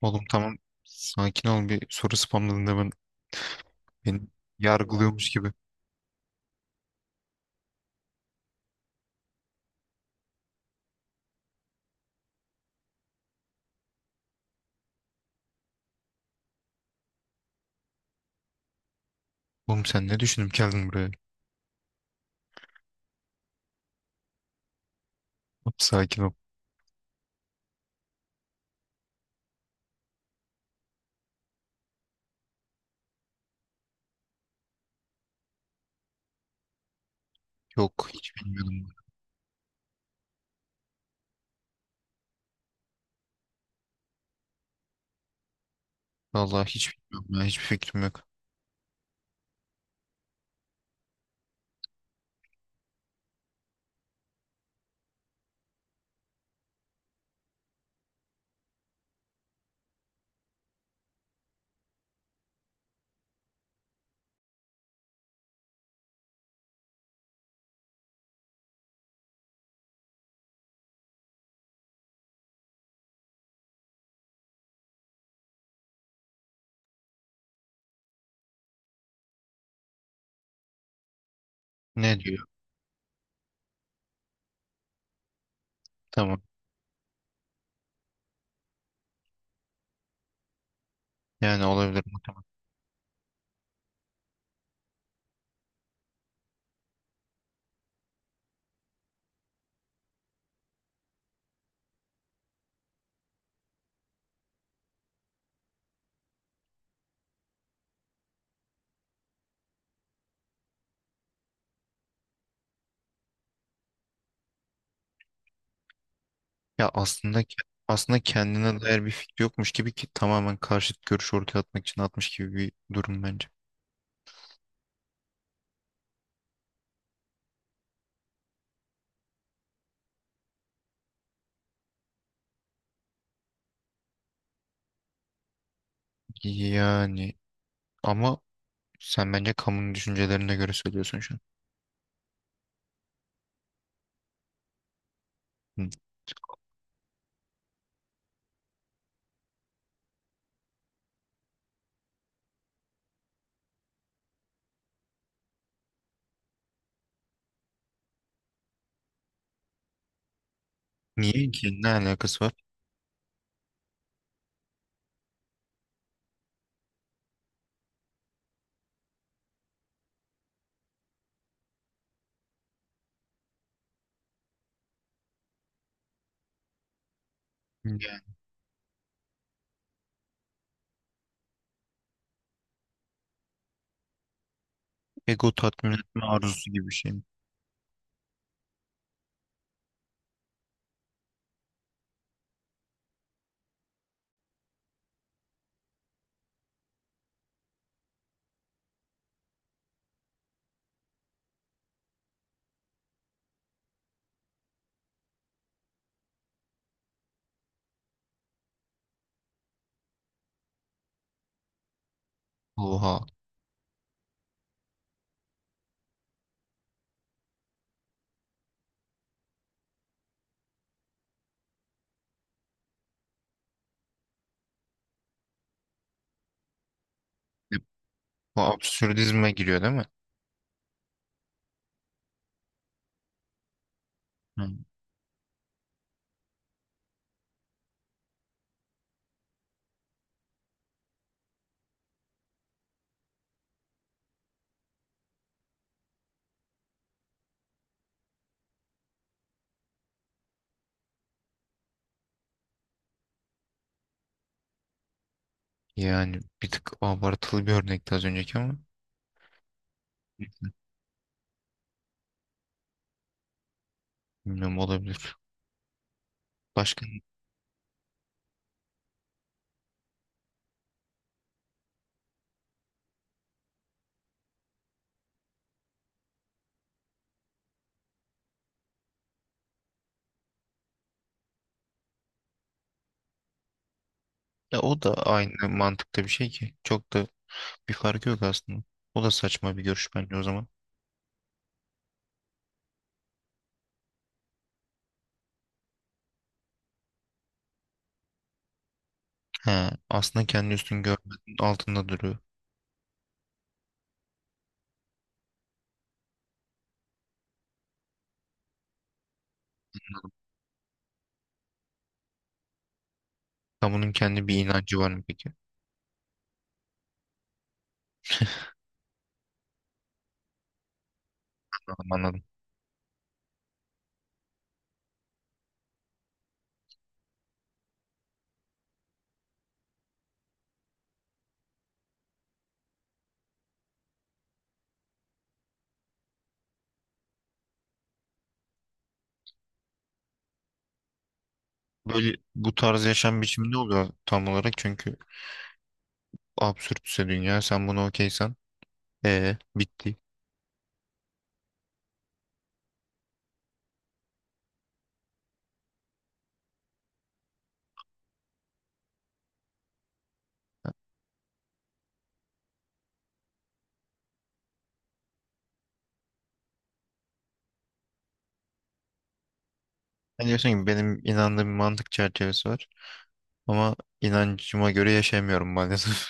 Oğlum tamam, sakin ol bir soru spamladığında beni yargılıyormuş gibi. Oğlum sen ne düşünüp geldin buraya? Sakin ol. Yok, hiç bilmiyorum. Vallahi hiç bilmiyorum ya, hiçbir fikrim yok. Ne diyor? Tamam, yani olabilir mi? Ya aslında aslında kendine dair bir fikri yokmuş gibi, ki tamamen karşıt görüş ortaya atmak için atmış gibi bir durum bence. Yani ama sen bence kamunun düşüncelerine göre söylüyorsun şu an. Hı. Niye ki? Ne alakası var? Yani ego tatmin etme arzusu gibi bir şey mi? Oha. E, Bu absürdizme giriyor değil mi? Hı. Yani bir tık abartılı bir örnekti az önceki ama bilmiyorum, olabilir. Başka ya, o da aynı mantıkta bir şey ki. Çok da bir farkı yok aslında. O da saçma bir görüş bence o zaman. He, aslında kendi üstün görmenin altında duruyor. Kamunun kendi bir inancı var mı peki? Anladım, anladım. Böyle bu tarz yaşam biçimi ne oluyor tam olarak? Çünkü absürtse dünya, sen bunu okeysen bitti. Ben, diyorsun ki benim inandığım bir mantık çerçevesi var. Ama inancıma göre yaşayamıyorum maalesef.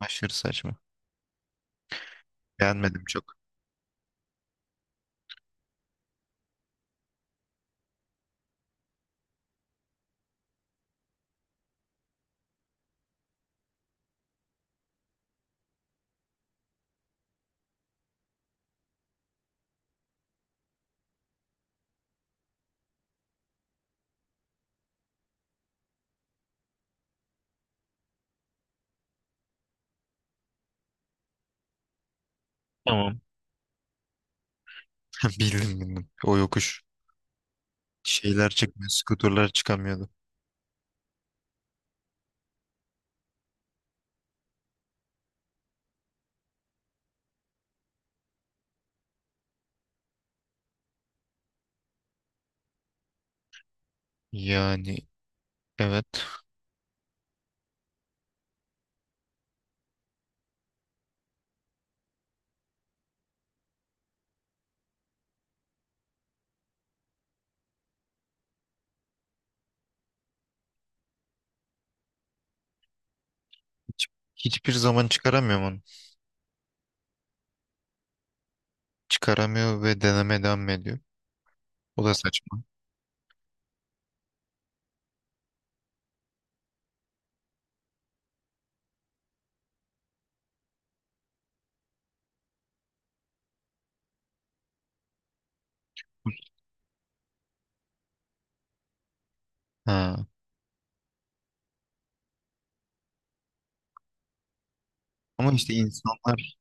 Aşırı saçma. Beğenmedim çok. Tamam. Bildim, bildim. O yokuş. Şeyler çıkmıyor. Skuterlar çıkamıyordu. Yani evet. Hiç- Hiçbir zaman çıkaramıyor onu. Çıkaramıyor ve deneme devam ediyor. O da saçma. Ha. Ama işte insanlar.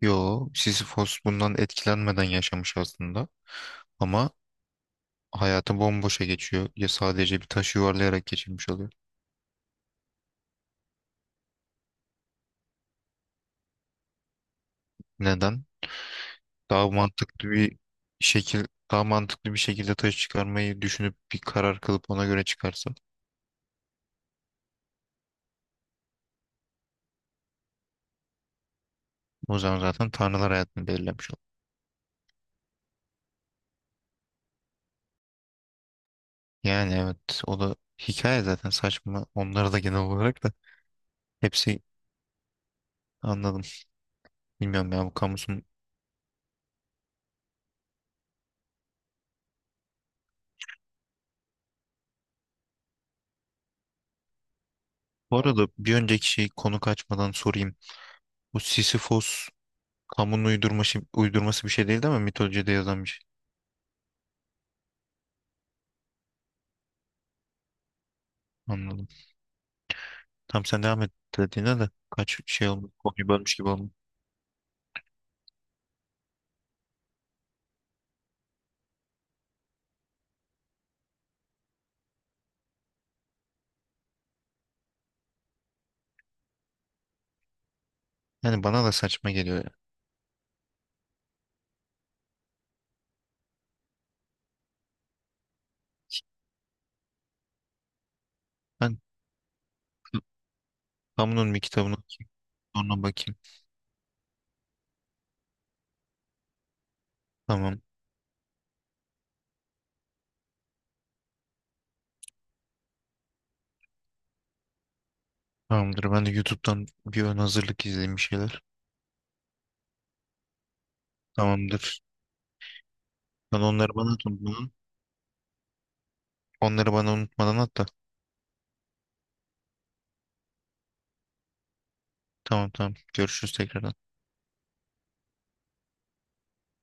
Yo, Sisyphos bundan etkilenmeden yaşamış aslında. Ama hayatı bomboşa geçiyor. Ya sadece bir taşı yuvarlayarak geçirmiş oluyor. Neden? Daha mantıklı bir şekil daha mantıklı bir şekilde taş çıkarmayı düşünüp bir karar kılıp ona göre çıkarsa o zaman zaten tanrılar hayatını belirlemiş olur. Yani evet, o da hikaye zaten, saçma onları da genel olarak da hepsi, anladım. Bilmiyorum ya bu kamusun. Bu arada bir önceki şey, konu kaçmadan sorayım. Bu Sisyphos kamunun uydurması bir şey değil değil mi? Mitolojide yazan bir şey. Anladım. Tam sen devam et dediğine de kaç şey olmuş, konuyu bölmüş gibi olmuş. Yani bana da saçma geliyor ya. Ben Kamunun bir kitabını okuyayım. Sonra bakayım. Tamam. Tamamdır. Ben de YouTube'dan bir ön hazırlık izleyeyim bir şeyler. Tamamdır. Sen onları bana at. Onları bana unutmadan at da. Tamam, tamam. Görüşürüz tekrardan.